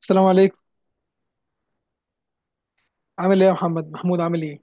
السلام عليكم. عامل ايه يا محمد محمود، عامل ايه؟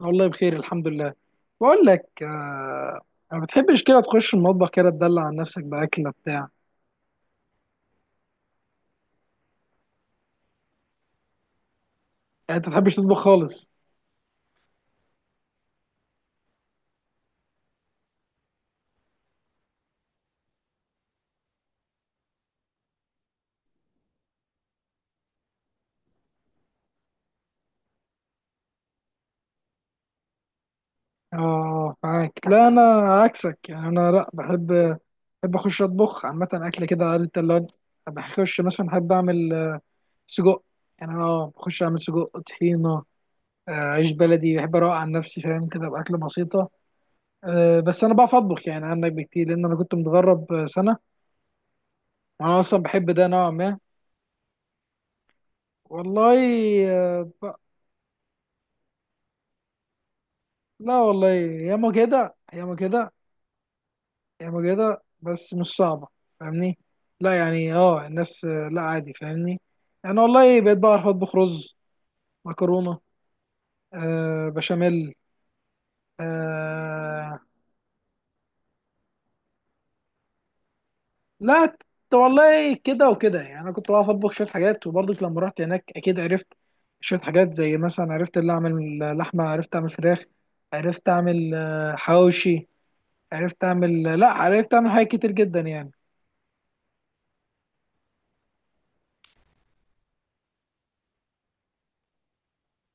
أنا والله بخير الحمد لله. بقول لك ما بتحبش كده تخش المطبخ كده تدلع عن نفسك باكله بتاع؟ يعني انت بتحبش تطبخ خالص؟ اه معاك. لا انا عكسك يعني. انا لا بحب، بحب اخش اطبخ عامه اكل كده عارف انت اللي هو. بخش مثلا بحب اعمل سجق. يعني انا بخش اعمل سجق طحينه. عيش بلدي بحب اروق عن نفسي فاهم، كده باكل بسيطه. بس انا بعرف اطبخ يعني عنك بكتير، لان انا كنت متغرب سنه. انا اصلا بحب ده نوعا ما والله. آه، ب... لا والله ياما كده ياما كده. ياما كده بس مش صعبة فاهمني. لا يعني الناس لا عادي فاهمني. انا والله بقيت بعرف اطبخ رز، مكرونة، آه بشاميل. آه، لا والله كده وكده يعني. انا كنت بعرف اطبخ شوية حاجات، وبرضك لما رحت هناك اكيد عرفت شوية حاجات. زي مثلا عرفت اللي اعمل لحمة، عرفت اعمل فراخ، عرفت اعمل حواوشي. عرفت اعمل، لا عرفت اعمل حاجات كتير جدا يعني.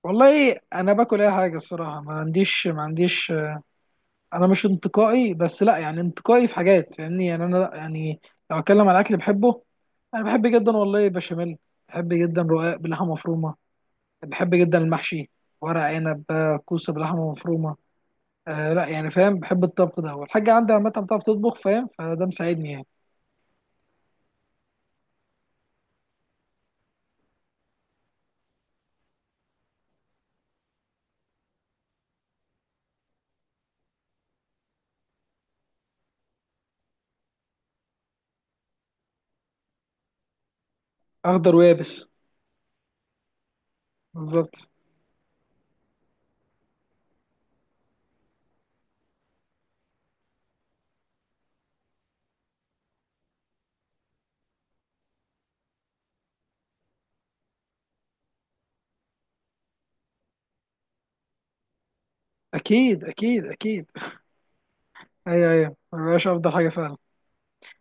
والله انا باكل اي حاجه الصراحه، ما عنديش ما عنديش. انا مش انتقائي، بس لا يعني انتقائي في حاجات فاهمني، يعني انا لا يعني. لو اتكلم على الاكل بحبه، انا بحب جدا والله بشاميل، بحب جدا رقاق بلحمه مفرومه، بحب جدا المحشي، ورق عنب، كوسه بلحمه مفرومه. لا يعني فاهم، بحب الطبخ ده، والحاجه عندي عامه بتعرف تطبخ فاهم، فده مساعدني يعني. اخضر ويابس. بالظبط. اكيد اكيد اكيد. ايوه ايوه ما بقاش افضل حاجه فعلا.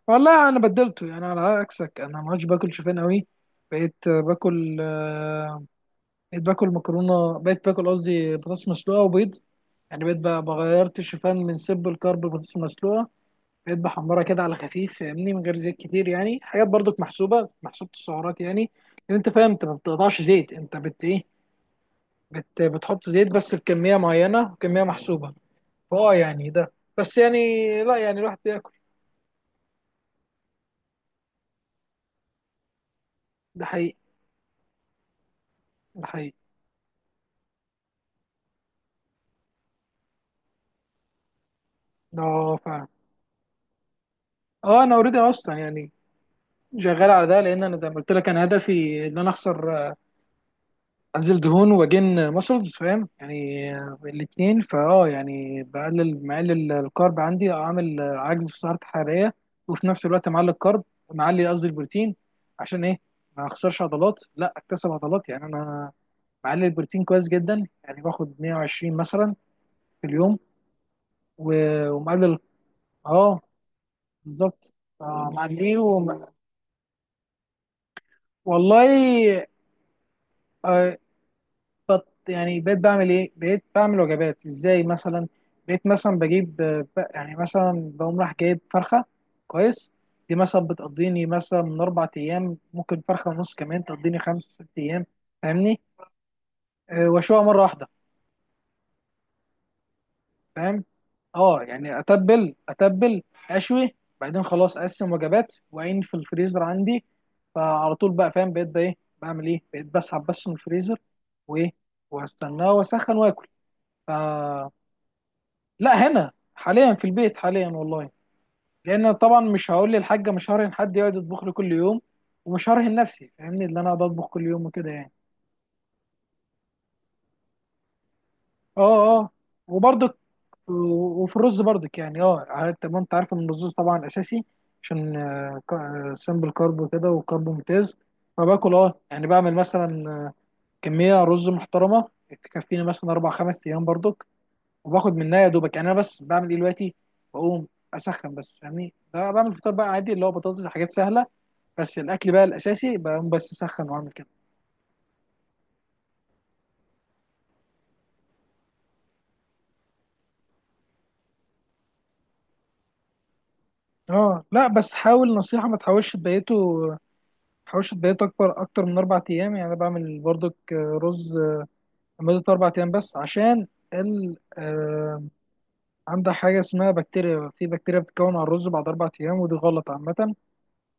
والله انا بدلته يعني، على عكسك انا ما عادش باكل شوفان قوي. بقيت باكل بقيت باكل مكرونه، بقيت باكل قصدي بطاطس مسلوقه وبيض. يعني بقيت بقى بغيرت الشوفان من سب الكرب البطاطس المسلوقه. بقيت بحمرها كده على خفيف فاهمني، من غير زيت كتير يعني، حاجات برضك محسوبه، محسوبه السعرات يعني. لان انت فاهم انت ما بتقطعش زيت، انت بت ايه بت بتحط زيت بس بكميه معينه، وكميه محسوبه. يعني ده بس يعني. لا يعني الواحد بياكل. ده حقيقي، ده حقيقي. ده فعلا. اه انا اوريدي اصلا يعني، شغال على ده. لان انا زي ما قلت لك، انا هدفي ان انا اخسر انزل دهون واجن ماسلز فاهم يعني، الاتنين. يعني مقلل الكارب عندي، اعمل عجز في سعرات حراريه. وفي نفس الوقت معلي الكارب، معلي قصدي البروتين. عشان ايه؟ ما اخسرش عضلات، لا اكتسب عضلات يعني. انا معلي البروتين كويس جدا، يعني باخد 120 مثلا في اليوم. ومقلل. اه بالظبط. آه، معليه وم... والله. آه، بط يعني بقيت بعمل ايه؟ بقيت بعمل وجبات ازاي مثلا؟ بقيت مثلا بجيب يعني مثلا بقوم راح جايب فرخه. كويس. دي مثلا بتقضيني مثلا من اربع ايام، ممكن فرخه ونص كمان تقضيني خمس ست ايام فاهمني. أه واشويها مره واحده فاهم. اه يعني اتبل اشوي، بعدين خلاص اقسم وجبات واعين في الفريزر عندي. فعلى طول بقى فاهم، بقيت بقى ايه، بعمل ايه؟ بقيت بسحب بس من الفريزر، وايه، واستناه واسخن واكل. ف لا هنا حاليا، في البيت حاليا والله. لان طبعا مش هقول للحاجه، مش هرهن حد يقعد يطبخ لي كل يوم. ومش هرهن نفسي فاهمني، اللي انا اقعد اطبخ كل يوم وكده يعني. اه اه. وبرضك وفي الرز برضك يعني اه عارف، طب ما انت عارف ان الرز طبعا اساسي، عشان سمبل كارب وكده، وكارب ممتاز. فباكل اه يعني بعمل مثلا كميه رز محترمه تكفيني مثلا اربع خمس ايام برضك. وباخد منها يا دوبك يعني. انا بس بعمل ايه دلوقتي؟ بقوم اسخن بس فاهمني بقى، بعمل فطار بقى عادي اللي هو بطاطس، حاجات سهله. بس الاكل بقى الاساسي بقوم بس اسخن واعمل كده. اه لا بس حاول، نصيحة، ما تحاولش تبيته، ما تحاولش تبيته أكبر أكتر من أربع أيام. يعني أنا بعمل برضك رز لمدة أربع أيام بس. عشان ال آه، عندك حاجة اسمها بكتيريا، في بكتيريا بتتكون على الرز بعد أربع أيام، ودي غلط عامة.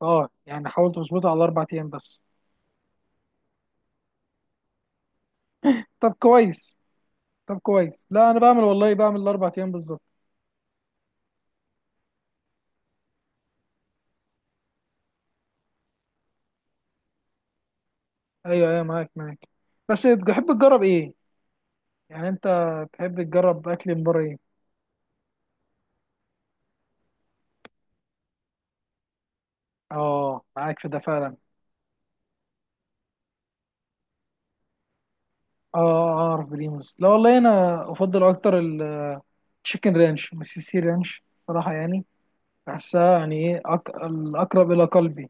اه يعني حاول تظبطها على أربع أيام بس. طب كويس. طب كويس، لا انا بعمل والله، بعمل الاربع ايام بالظبط. ايوه ايوه معاك معاك. بس تحب تجرب ايه؟ يعني انت تحب تجرب اكل من بره ايه؟ اه معاك في ده فعلا. اه اعرف بريموس. لا والله انا افضل اكتر التشيكن رانش، مش السي رانش صراحه يعني. بحسها يعني ايه، الاقرب الى قلبي.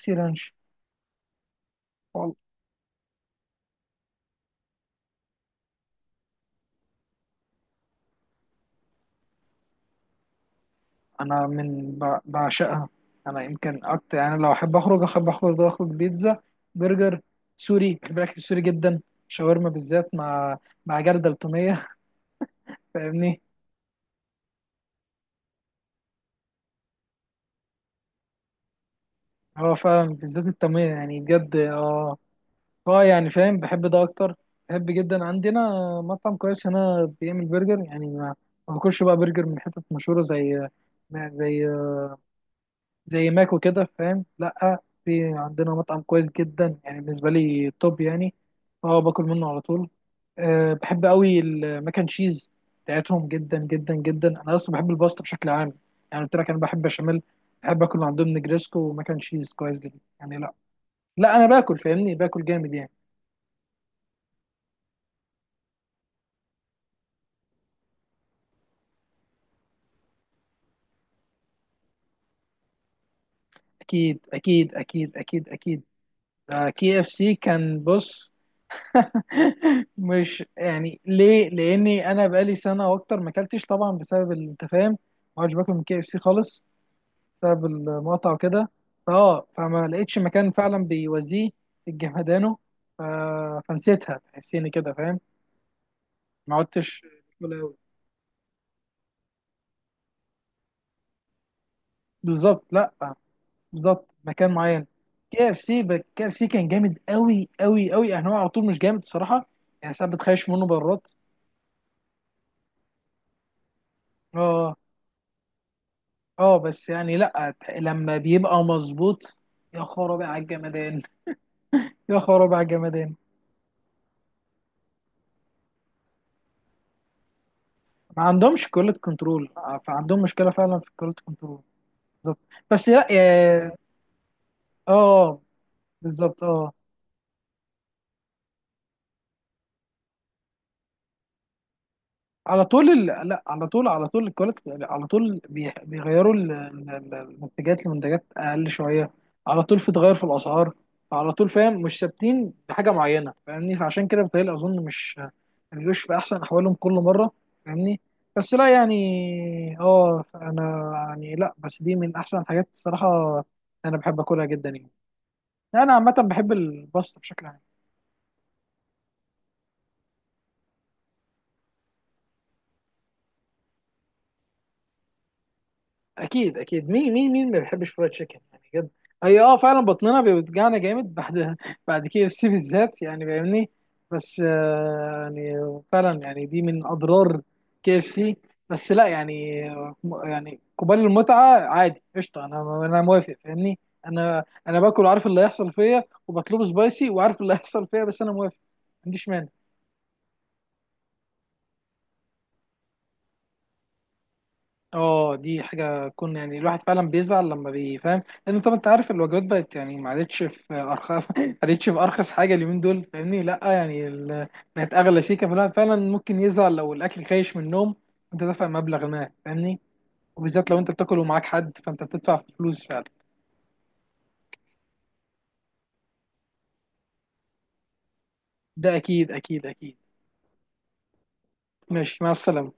سي رانش. انا بعشقها. انا يمكن اكتر يعني، لو احب اخرج احب اخرج، اخرج بيتزا، برجر، سوري، بحب الاكل السوري جدا، شاورما بالذات مع مع جردل التوميه. فاهمني. هو فعلا بالذات التوميه يعني بجد اه. اه يعني فاهم، بحب ده اكتر. بحب جدا عندنا مطعم كويس هنا بيعمل برجر يعني، ما ما باكلش بقى برجر من حتت مشهوره زي زي زي ماكو كده فاهم. لا في عندنا مطعم كويس جدا، يعني بالنسبه لي توب يعني. اه باكل منه على طول. أه بحب قوي المكن تشيز بتاعتهم، جدا جدا جدا. انا اصلا بحب الباستا بشكل عام، يعني قلت لك انا بحب بشاميل. بحب اكل من عندهم نجريسكو ومكن تشيز كويس جدا يعني، لا. لا انا باكل فاهمني، باكل جامد يعني. اكيد اكيد اكيد اكيد اكيد اكيد. كي اف سي كان بص. مش يعني ليه، لاني انا بقالي سنه واكتر ما اكلتش طبعا بسبب انت فاهم. ما عادش باكل من كي اف سي خالص، بسبب المقاطعه وكده. فما لقيتش مكان فعلا بيوازيه الجمدانو. ف- فنسيتها تحسيني كده فاهم. ما عدتش باكل أوي. بالظبط، لا بالظبط مكان معين. كي اف سي كان جامد قوي قوي قوي يعني، هو على طول مش جامد الصراحه. يعني ساعات بتخيش منه برات. اه اه، بس يعني لا، لما بيبقى مظبوط. يا خرابي على الجمدان. يا خرابي على الجمدان. ما عندهمش كواليتي كنترول. فعندهم مشكله فعلا في الكواليتي كنترول. بالظبط. بس لا يا. اه بالظبط اه. على طول لا على طول، على طول الكواليتي يعني، على طول بيغيروا المنتجات لمنتجات اقل شويه. على طول في تغير في الاسعار، على طول فاهم. مش ثابتين بحاجه معينه فاهمني، فعشان كده بتهيألي اظن مش ما بيبقوش في احسن احوالهم كل مره فاهمني. بس لا يعني اه انا يعني لا، بس دي من احسن الحاجات الصراحه، انا بحب اكلها جدا يعني. انا عامه بحب الباستا بشكل عام. اكيد اكيد. مين مين مين ما بيحبش فرايد تشيكن يعني بجد؟ هي اه فعلا بطننا بيوجعنا جامد بعد بعد كي اف سي بالذات يعني فاهمني. بس يعني فعلا يعني، دي من اضرار كي اف سي. بس لا يعني يعني قبال المتعه عادي قشطه، انا انا موافق فاهمني. انا انا باكل عارف اللي هيحصل فيا، وبطلبه سبايسي وعارف اللي هيحصل فيا، بس انا موافق ما عنديش مانع. اه دي حاجة تكون يعني، الواحد فعلا بيزعل لما بيفهم. لأن طبعا أنت عارف الوجبات بقت يعني، ما عادتش في أرخص ما عادتش في أرخص حاجة اليومين دول فاهمني. لأ يعني بقت أغلى سيكة، فالواحد فعلا ممكن يزعل لو الأكل خايش من النوم. أنت دافع مبلغ ما فاهمني. وبالذات لو أنت بتاكل ومعاك حد، فأنت بتدفع فلوس فعلا. ده أكيد أكيد أكيد. ماشي، مع السلامة.